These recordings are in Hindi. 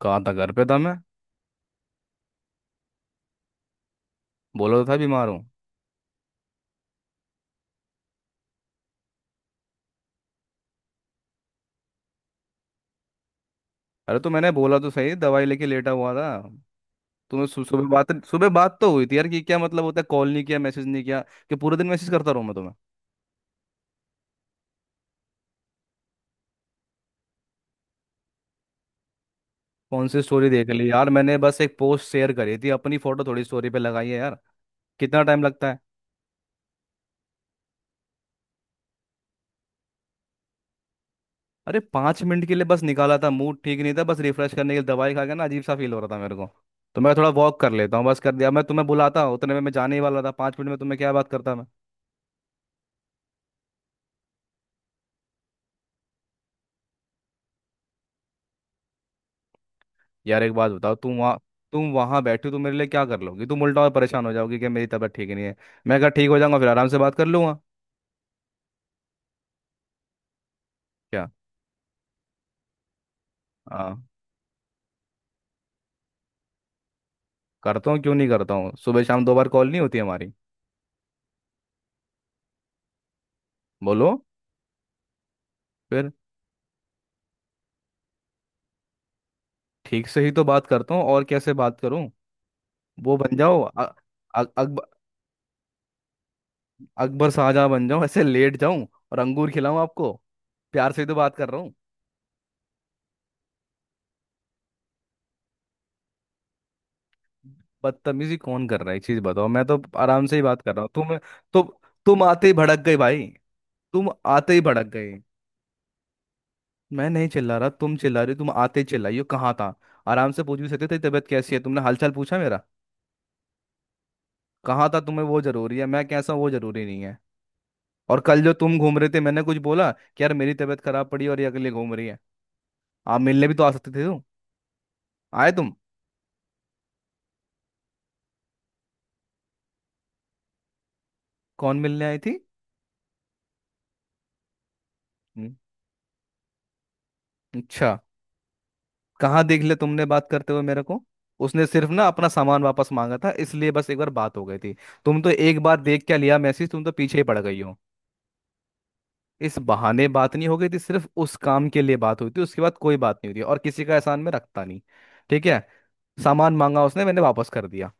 कहाँ था। घर पे था मैं। बोला तो था बीमार हूँ। अरे तो मैंने बोला तो सही, दवाई लेके लेटा हुआ था। तुम्हें सु, सुबह बात तो हुई थी यार। कि क्या मतलब होता है कॉल नहीं किया मैसेज नहीं किया। कि पूरे दिन मैसेज करता रहूँ मैं तुम्हें? कौन सी स्टोरी देख ली यार? मैंने बस एक पोस्ट शेयर करी थी अपनी, फोटो थोड़ी स्टोरी पे लगाई है यार। कितना टाइम लगता है? अरे पाँच मिनट के लिए बस निकाला था। मूड ठीक नहीं था, बस रिफ्रेश करने के लिए। दवाई खा के ना अजीब सा फील हो रहा था मेरे को। तो मैं थोड़ा वॉक कर लेता हूँ, बस कर दिया। मैं तुम्हें बुलाता, उतने में मैं जाने ही वाला था। पाँच मिनट में तुम्हें क्या बात करता मैं? यार एक बात बताओ, तुम वहाँ, तुम वहाँ बैठे हो तो मेरे लिए क्या कर लोगी? तुम उल्टा और परेशान हो जाओगी कि मेरी तबीयत ठीक नहीं है। मैं कहा ठीक हो जाऊंगा फिर आराम से बात कर लूंगा। क्या? हाँ। करता हूँ, क्यों नहीं करता हूँ। सुबह शाम दो बार कॉल नहीं होती हमारी? बोलो। फिर? ठीक से ही तो बात करता हूँ, और कैसे बात करूँ? वो बन जाओ, अ- अकब- अकबर शाहजहाँ बन जाऊँ, ऐसे लेट जाऊं और अंगूर खिलाऊं आपको? प्यार से ही तो बात कर रहा हूँ। बदतमीजी कौन कर रहा है, एक चीज बताओ। मैं तो आराम से ही बात कर रहा हूँ। तुम, तुम तुम आते ही भड़क गई भाई। तुम आते ही भड़क गए। मैं नहीं चिल्ला रहा, तुम चिल्ला रही हो। तुम आते ही चिल्लाई हो, कहाँ था। आराम से पूछ भी सकते थे तबीयत कैसी है। तुमने हालचाल पूछा मेरा? कहाँ था, तुम्हें वो जरूरी है। मैं कैसा हूँ, वो जरूरी नहीं है। और कल जो तुम घूम रहे थे, मैंने कुछ बोला? कि यार मेरी तबीयत खराब पड़ी और ये अगले घूम रही है। आप मिलने भी तो आ सकते थे। तुम आए तुम? कौन मिलने आई थी? हम्म। अच्छा। कहाँ देख लिया तुमने बात करते हुए मेरे को? उसने सिर्फ ना अपना सामान वापस मांगा था, इसलिए बस एक बार बात हो गई थी। तुम तो एक बार देख क्या लिया मैसेज, तुम तो पीछे ही पड़ गई हो। इस बहाने बात नहीं हो गई थी, सिर्फ उस काम के लिए बात हुई थी। उसके बाद कोई बात नहीं हुई थी, और किसी का एहसान में रखता नहीं। ठीक है। सामान मांगा उसने, मैंने वापस कर दिया।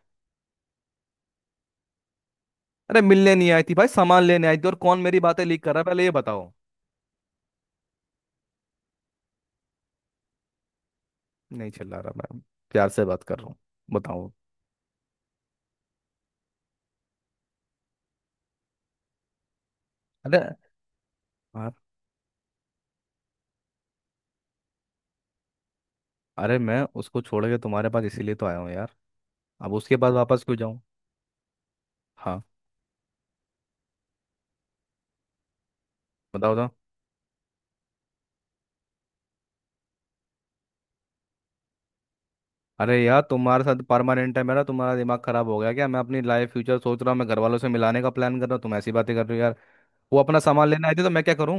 अरे मिलने नहीं आई थी भाई, सामान लेने आई थी। और कौन मेरी बातें लीक कर रहा है, पहले ये बताओ। नहीं चिल्ला रहा मैं, प्यार से बात कर रहा हूँ। बताओ। अरे यार, अरे मैं उसको छोड़ के तुम्हारे पास इसीलिए तो आया हूँ यार। अब उसके पास वापस क्यों जाऊँ? हाँ। बताओ बताओ। अरे यार तुम्हारे साथ परमानेंट है मेरा। तुम्हारा दिमाग खराब हो गया क्या? मैं अपनी लाइफ फ्यूचर सोच रहा हूँ, मैं घर वालों से मिलाने का प्लान कर रहा हूँ, तुम ऐसी बातें कर रही हो यार। वो अपना सामान लेने आई थी, तो मैं क्या करूं?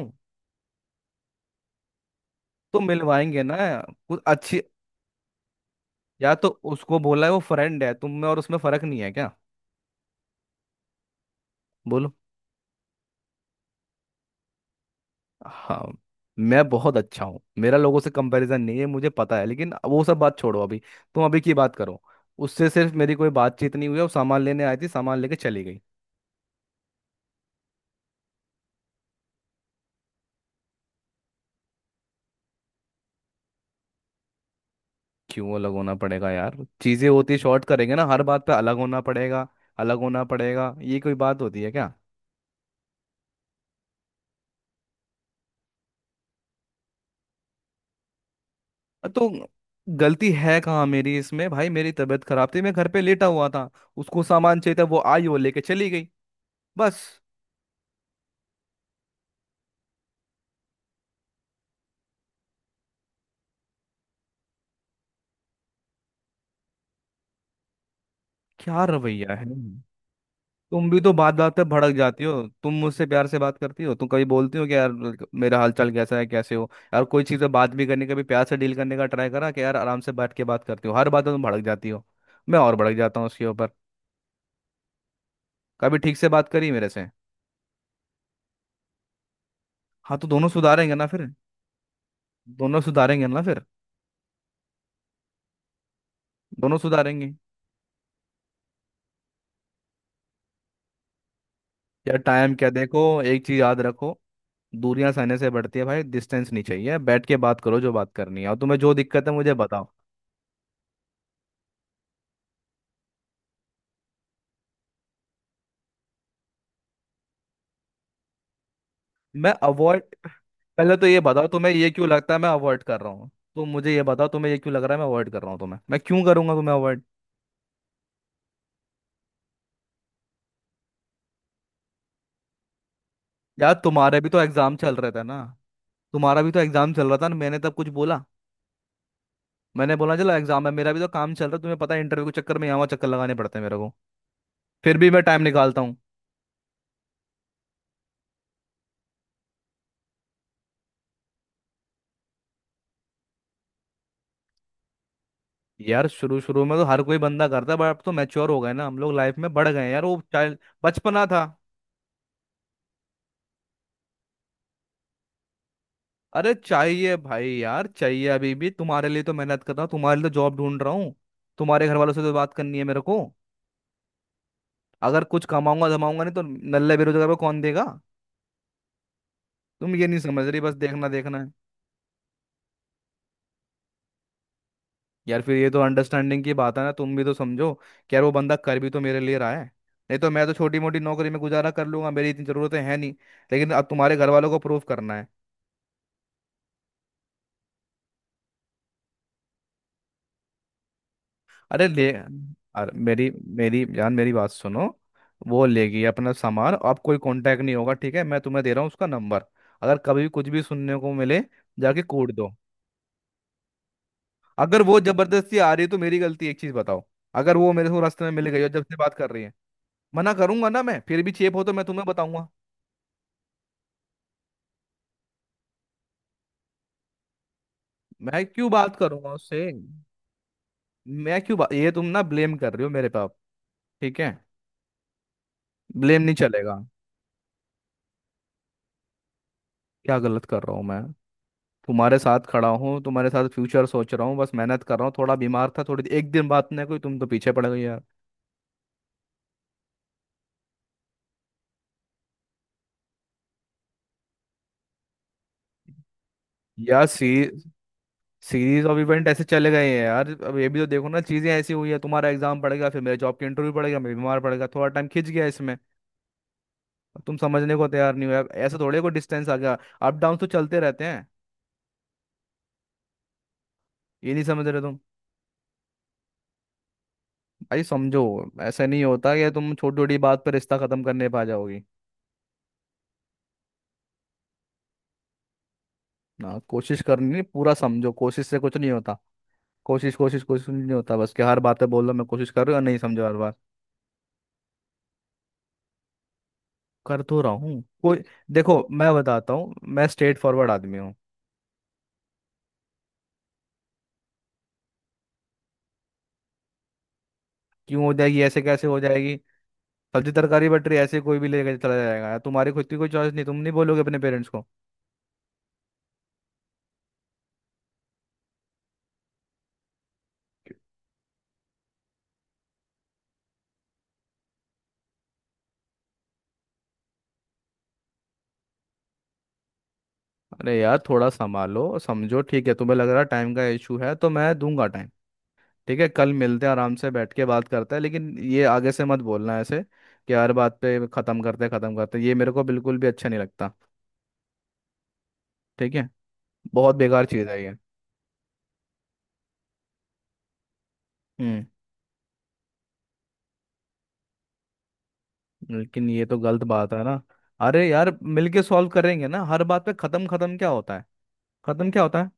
तो मिलवाएंगे ना। कुछ अच्छी। या तो उसको बोला है वो फ्रेंड है। तुम में और उसमें फर्क नहीं है क्या? बोलो। हाँ। मैं बहुत अच्छा हूँ, मेरा लोगों से कंपैरिजन नहीं है, मुझे पता है। लेकिन वो सब बात छोड़ो अभी, तुम अभी की बात करो। उससे सिर्फ मेरी कोई बातचीत नहीं हुई, वो सामान लेने आई थी सामान लेके चली गई। क्यों अलग होना पड़ेगा यार? चीजें होती शॉर्ट करेंगे ना, हर बात पे अलग होना पड़ेगा? अलग होना पड़ेगा, ये कोई बात होती है क्या? तो गलती है कहाँ मेरी इसमें भाई? मेरी तबीयत खराब थी, मैं घर पे लेटा हुआ था। उसको सामान चाहिए था, वो आई वो लेके चली गई, बस। क्या रवैया है? तुम भी तो बात बात पे भड़क जाती हो। तुम मुझसे प्यार से बात करती हो? तुम कभी बोलती हो कि यार मेरा हालचाल कैसा है, कैसे हो यार? कोई चीज़ पे बात भी करने का भी, प्यार से डील करने का ट्राई करा कि यार आराम से बैठ के बात करती हो? हर बात में तुम भड़क जाती हो, मैं और भड़क जाता हूँ उसके ऊपर। कभी ठीक से बात करी मेरे से? हाँ तो दोनों सुधारेंगे ना फिर। दोनों सुधारेंगे ना फिर। दोनों सुधारेंगे। यार टाइम क्या, देखो एक चीज याद रखो। दूरियां सहने से बढ़ती है भाई, डिस्टेंस नहीं चाहिए। बैठ के बात करो, जो बात करनी है और तुम्हें जो दिक्कत है मुझे बताओ। मैं अवॉइड? पहले तो ये बताओ तुम्हें ये क्यों लगता है मैं अवॉइड कर रहा हूँ। तुम मुझे ये बताओ तुम्हें ये क्यों लग रहा है मैं अवॉइड कर रहा हूँ तुम्हें, मैं क्यों करूंगा तुम्हें अवॉइड? यार तुम्हारे भी तो एग्जाम चल रहे थे ना। तुम्हारा भी तो एग्जाम चल रहा था ना, मैंने तब कुछ बोला? मैंने बोला चलो एग्जाम है, मेरा भी तो काम चल रहा है। तुम्हें पता है इंटरव्यू के चक्कर में यहाँ वहाँ चक्कर लगाने पड़ते हैं मेरे को। फिर भी मैं टाइम निकालता हूँ। यार शुरू शुरू में तो हर कोई बंदा करता है, बट अब तो मैच्योर हो गए ना हम लोग, लाइफ में बढ़ गए हैं यार, वो चाइल्ड बचपना था। अरे चाहिए भाई यार चाहिए अभी भी। तुम्हारे लिए तो मेहनत कर रहा हूँ, तुम्हारे लिए तो जॉब ढूंढ रहा हूँ। तुम्हारे घर वालों से तो बात करनी है मेरे को। अगर कुछ कमाऊंगा जमाऊंगा नहीं तो नल्ले बेरोजगार को कौन देगा? तुम ये नहीं समझ रही, बस देखना देखना है। यार फिर ये तो अंडरस्टैंडिंग की बात है ना। तुम भी तो समझो कि यार वो बंदा कर भी तो मेरे लिए रहा है। नहीं तो मैं तो छोटी मोटी नौकरी में गुजारा कर लूंगा, मेरी इतनी जरूरतें हैं नहीं। लेकिन अब तुम्हारे घर वालों को प्रूफ करना है। अरे ले, अरे मेरी मेरी जान मेरी बात सुनो। वो लेगी अपना सामान, अब कोई कांटेक्ट नहीं होगा। ठीक है, मैं तुम्हें दे रहा हूँ उसका नंबर। अगर कभी भी कुछ भी सुनने को मिले, जाके कूट दो। अगर वो जबरदस्ती आ रही है तो मेरी गलती? एक चीज बताओ, अगर वो मेरे को रास्ते में मिल गई, और जब से बात कर रही है। मना करूंगा ना मैं, फिर भी चेप हो तो मैं तुम्हें बताऊंगा। मैं क्यों बात करूंगा उससे? ये तुम ना ब्लेम कर रही हो मेरे पाप। ठीक है, ब्लेम नहीं चलेगा। क्या गलत कर रहा हूँ मैं? तुम्हारे साथ खड़ा हूँ, तुम्हारे साथ फ्यूचर सोच रहा हूँ, बस मेहनत कर रहा हूँ। थोड़ा बीमार था, थोड़ी एक दिन बात नहीं, कोई तुम तो पीछे पड़ गई यार। यार सीरीज ऑफ इवेंट ऐसे चले गए हैं यार। अब ये भी तो देखो ना, चीजें ऐसी हुई है, तुम्हारा एग्जाम पड़ गया, फिर मेरे जॉब के इंटरव्यू पड़ गया, मैं बीमार पड़ गया, थोड़ा टाइम खिंच गया इसमें। अब तुम समझने को तैयार नहीं हो यार, ऐसे थोड़े को डिस्टेंस आ गया। अप डाउन तो चलते रहते हैं, ये नहीं समझ रहे तुम। भाई समझो, ऐसा नहीं होता कि तुम छोटी छोटी बात पर रिश्ता खत्म करने पा जाओगी। ना कोशिश करनी, पूरा समझो, कोशिश से कुछ नहीं होता। कोशिश कोशिश कोशिश नहीं होता बस, कि हर बात पे बोल रहा मैं कोशिश कर रहा हूँ, नहीं समझा हर बार। कर तो रहा हूँ कोई। देखो मैं बताता हूँ, मैं स्ट्रेट फॉरवर्ड आदमी हूँ। क्यों हो जाएगी, ऐसे कैसे हो जाएगी? सब्जी तरकारी बट रही है, ऐसे कोई भी लेके चला जाएगा यार? तुम्हारी खुद की कोई चॉइस नहीं? तुम नहीं बोलोगे अपने पेरेंट्स को? अरे यार थोड़ा संभालो, समझो। ठीक है, तुम्हें लग रहा है टाइम का इशू है, तो मैं दूंगा टाइम। ठीक है कल मिलते हैं, आराम से बैठ के बात करते हैं। लेकिन ये आगे से मत बोलना ऐसे, कि हर बात पे ख़त्म करते ख़त्म करते, ये मेरे को बिल्कुल भी अच्छा नहीं लगता। ठीक है? बहुत बेकार चीज़ है ये। हम्म। लेकिन ये तो गलत बात है ना। अरे यार मिलके सॉल्व करेंगे ना, हर बात पे खत्म खत्म क्या होता है? खत्म क्या होता है?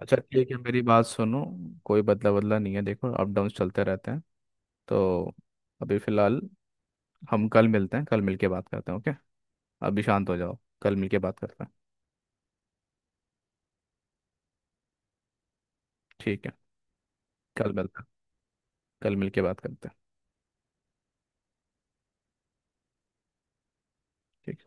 अच्छा ठीक है, मेरी बात सुनो। कोई बदला बदला नहीं है, देखो अप डाउन चलते रहते हैं। तो अभी फिलहाल हम कल मिलते हैं, कल मिलके बात करते हैं, ओके? अभी शांत हो जाओ, कल मिलके बात करते हैं। ठीक है, कल मिलते हैं, कल मिलके बात करते हैं।